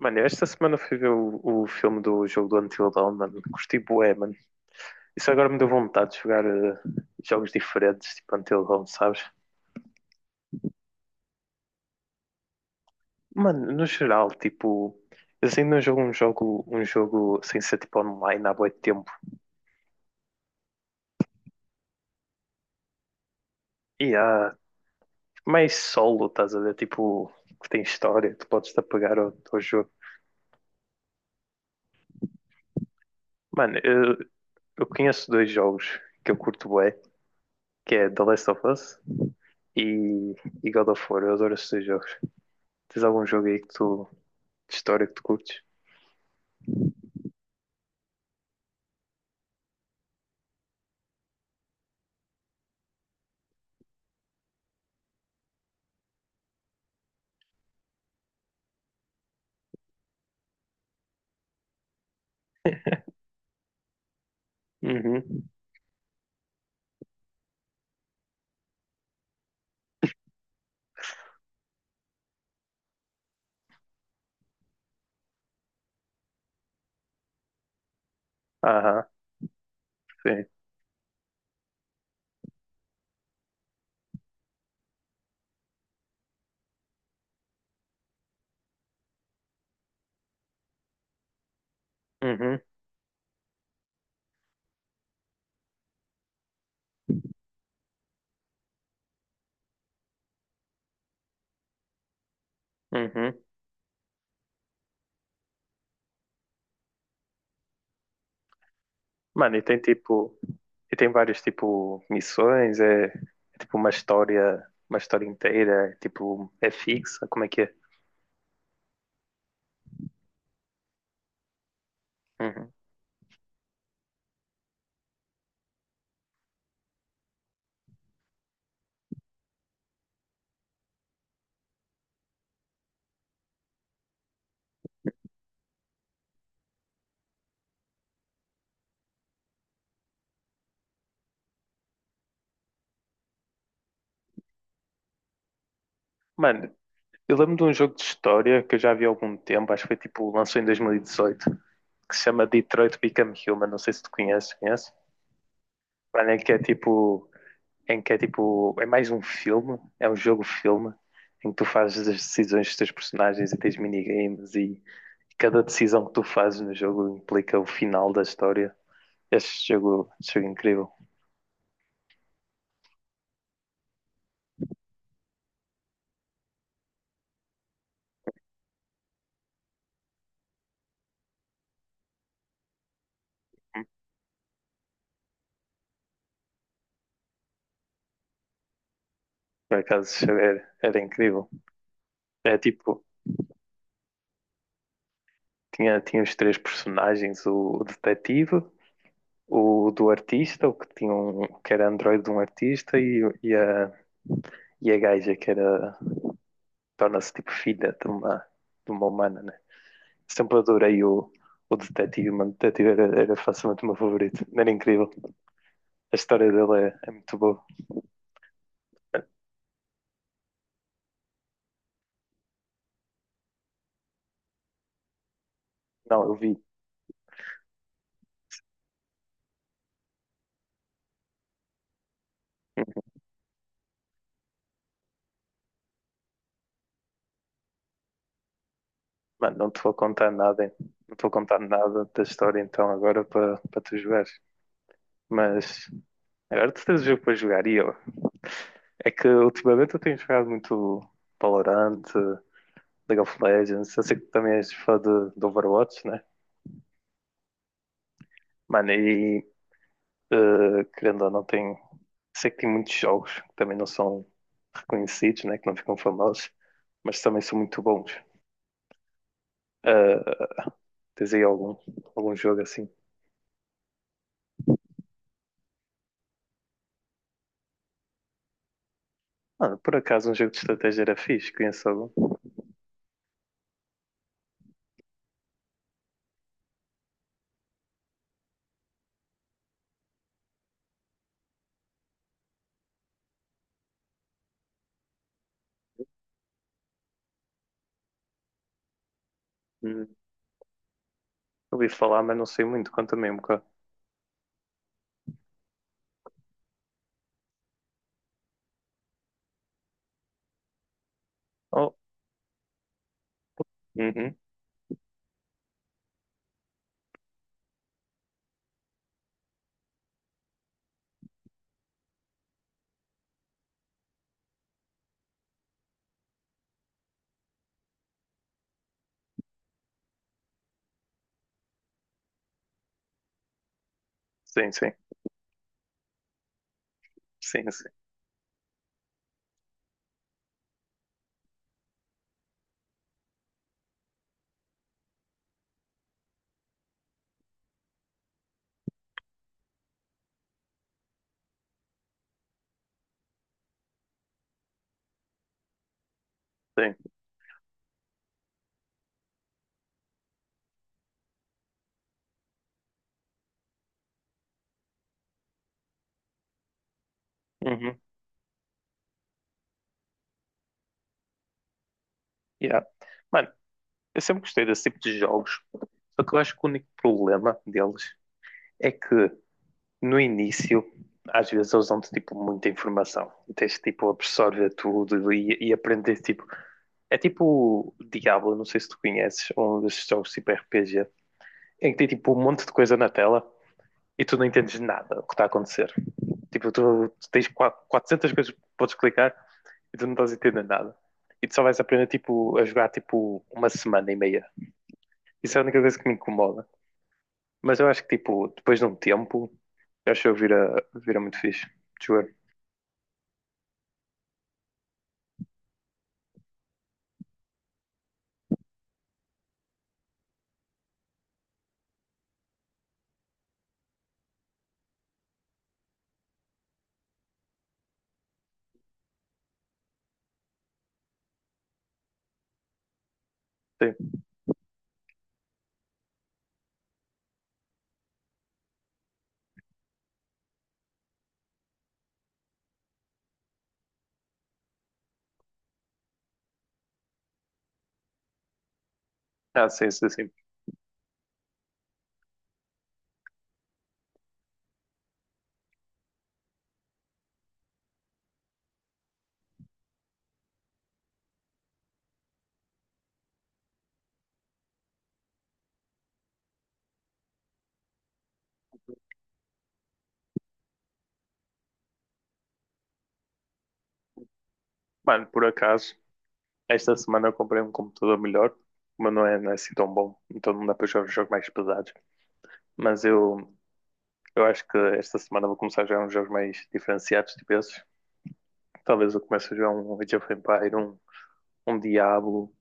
Mano, eu esta semana fui ver o filme do jogo do Until Dawn, mano. Curti bué, mano. Isso agora me deu vontade de jogar jogos diferentes, tipo Until Dawn, sabes? Mano, no geral, tipo, eu assim não jogo um jogo sem ser tipo online há bué de tempo. E há mais solo, estás a ver? Tipo, que tem história, tu podes te apegar ao jogo. Mano, eu conheço dois jogos que eu curto bué, que é The Last of Us e, e God of War. Eu adoro esses dois jogos. Tens algum jogo aí que tu, de história que tu curtes? Uhum. Aham, sim. Uhum, uhum. Mano, e tem várias tipo missões, é tipo uma história inteira, é, tipo, é fixa, como é que é? Uhum. Mano, eu lembro de um jogo de história que eu já vi há algum tempo, acho que foi tipo, lançou em 2018, que se chama Detroit Become Human, não sei se tu conheces, conheces? Para mim, é que é tipo. Em que é tipo. É mais um filme, é um jogo-filme, em que tu fazes as decisões dos teus personagens e tens minigames e cada decisão que tu fazes no jogo implica o final da história. Este jogo é incrível. Por acaso era incrível. É tipo, tinha os três personagens, o detetive, o do artista, o que tinha um, que era androide de um artista e a gaja que era torna-se tipo filha de uma humana, né? Sempre adorei o detetive, mano. O detetive era facilmente o meu favorito. Era incrível. A história dele é muito boa. Não, eu vi. Mano, não te vou contar nada, hein? Não te vou contar nada da história então agora para tu jogares. Mas agora tu tens o jogo para jogar e eu. É que ultimamente eu tenho jogado muito Valorant, League of Legends. Eu sei que tu também és fã de Overwatch, né? Mano, e querendo ou não, tem. Sei que tem muitos jogos que também não são reconhecidos, né? Que não ficam famosos, mas também são muito bons. Uh, Tens aí algum jogo assim? Mano, por acaso um jogo de estratégia era fixe, conheço algum. Hum, Ouvi falar, mas não sei muito, conta-me um bocado. Oh, uhum. Sim, sim, sim, sim, sim. Uhum. Yeah. Mano, eu sempre gostei desse tipo de jogos, só que eu acho que o único problema deles é que no início, às vezes eles dão-te tipo muita informação, e tens tipo absorver tudo e aprender tipo. É tipo o Diablo, não sei se tu conheces, um desses jogos tipo RPG, em que tem tipo um monte de coisa na tela e tu não entendes nada do que está a acontecer. Tipo, tu tens 400 coisas que podes clicar e tu não estás a entender nada. E tu só vais aprender tipo, a jogar tipo uma semana e meia. Isso é a única coisa que me incomoda. Mas eu acho que tipo, depois de um tempo, eu acho que eu vira muito fixe. De jogar. Sim. Ah, sim, sim, sim. Mano, por acaso, esta semana eu comprei um computador melhor, mas não é assim tão bom. Então não dá para jogar jogos mais pesados. Mas eu acho que esta semana vou começar a jogar uns jogos mais diferenciados, tipo esses. Talvez eu comece a jogar um Age of Empire, um Diablo,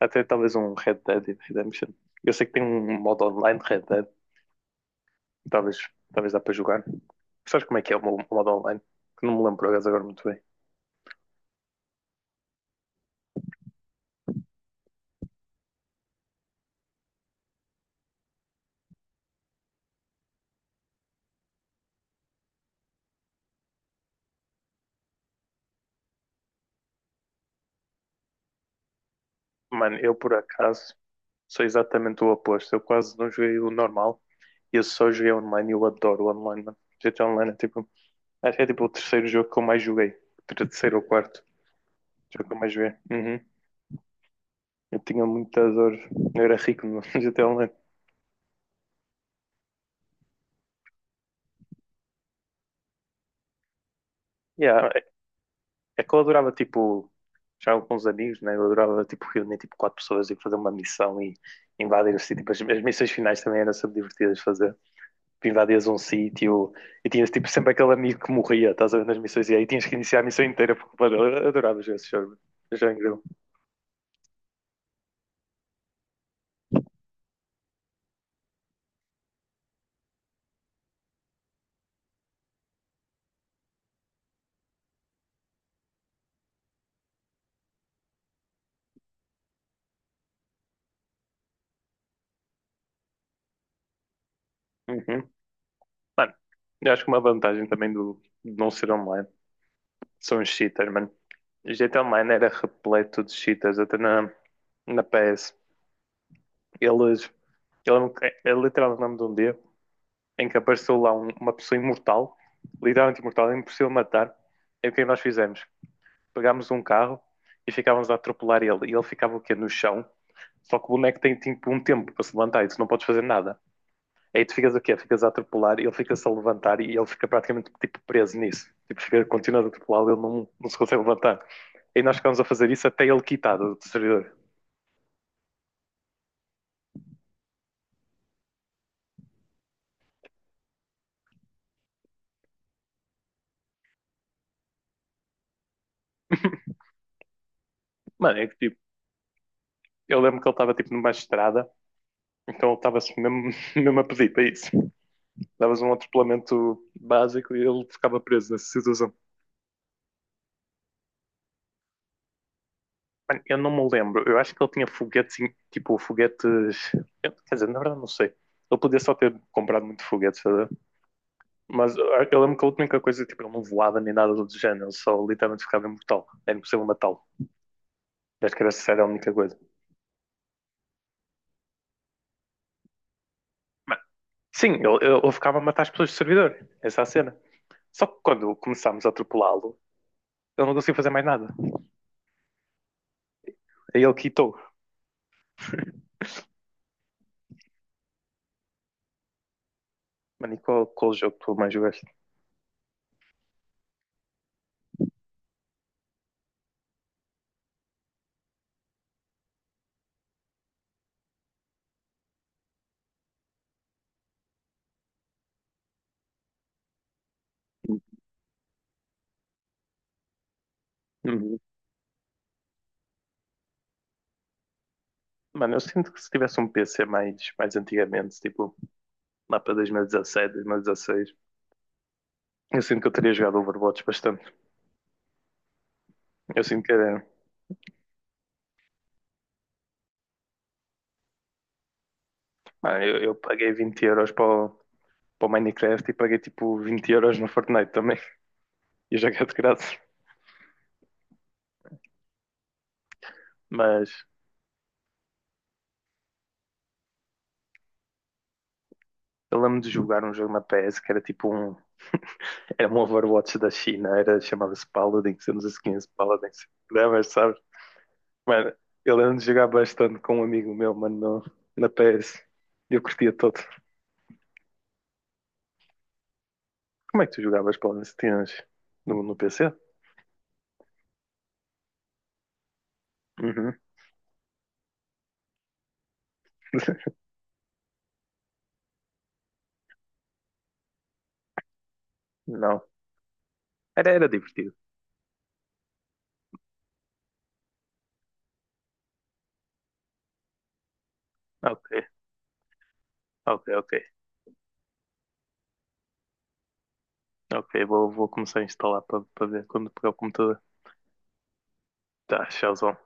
até talvez um Red Dead Redemption. Eu sei que tem um modo online de Red Dead, talvez, talvez dá para jogar. Sabes como é que é o o modo online? Que não me lembro agora muito bem. Mano, eu por acaso sou exatamente o oposto. Eu quase não joguei o normal. Eu só joguei online e eu adoro o online, mano. GTA Online é tipo, acho que é tipo o terceiro jogo que eu mais joguei. Terceiro ou quarto jogo que eu mais joguei. Uhum. Eu tinha muitas horas. Eu era rico no GTA Online. Yeah, é que eu adorava, tipo, já com os amigos, né? Eu adorava, tipo, reunir, tipo, quatro pessoas e fazer uma missão e invadir o sítio. Tipo, as missões finais também eram sempre divertidas de fazer. Tu invadias um sítio e tinhas, tipo, sempre aquele amigo que morria, estás a ver, nas missões. E aí tinhas que iniciar a missão inteira, porque, mano, eu adorava jogar esse jogo. Já é incrível. Uhum. Mano, eu acho que uma vantagem também do de não ser online são os cheaters, mano. O GTA Online era repleto de cheaters, até na PS. Eles... É literalmente o nome de um dia em que apareceu lá uma pessoa imortal, literalmente imortal, é impossível matar. É o que é nós fizemos? Pegámos um carro e ficávamos a atropelar ele. E ele ficava o quê? No chão. Só que o boneco tem tipo um tempo para se levantar e tu não podes fazer nada. Aí tu ficas o quê? Ficas a atropelar e ele fica-se a levantar e ele fica praticamente tipo preso nisso. Tipo, fica continuando a atropelar e ele não se consegue levantar. Aí nós ficámos a fazer isso até ele quitado do servidor. Mano, é que tipo, eu lembro que ele estava tipo numa estrada, então ele estava assim mesmo, mesmo a pedir para isso. Davas um atropelamento básico e ele ficava preso nessa situação. Mano, eu não me lembro, eu acho que ele tinha foguetes, tipo, foguetes. Quer dizer, na verdade, não sei. Ele podia só ter comprado muito foguete, sabe? Mas eu lembro que a única coisa, tipo, ele não voava nem nada do género, ele só literalmente ficava imortal. Era impossível matá-lo. Acho que era essa a única coisa. Mas, sim, ele, ficava a matar as pessoas do servidor. Essa é a cena. Só que quando começámos a atropelá-lo, ele não conseguia fazer mais nada. Aí ele quitou. Mano, e qual jogo tu mais jogaste? Uhum. Mano, eu sinto que se tivesse um PC mais antigamente, tipo lá para 2017, 2016, eu sinto que eu teria jogado Overwatch bastante. Eu sinto que era. Mano, eu paguei 20 euros para o Minecraft e paguei tipo 20 euros no Fortnite também. E joguei de graça. Mas eu lembro de jogar um jogo na PS que era tipo um. Era um Overwatch da China, era, chamava-se Paladins, eu não sei se conhece Paladins. Não, mas sabes, mano, eu lembro de jogar bastante com um amigo meu, mano, na PS. Eu curtia todo. Como é que tu jogavas Paladins? Tinhas no PC? Uhum. Não. Era divertido. Ok, ok, ok. Ok, vou começar a instalar para ver quando pegar o computador. Tá, tchauzão.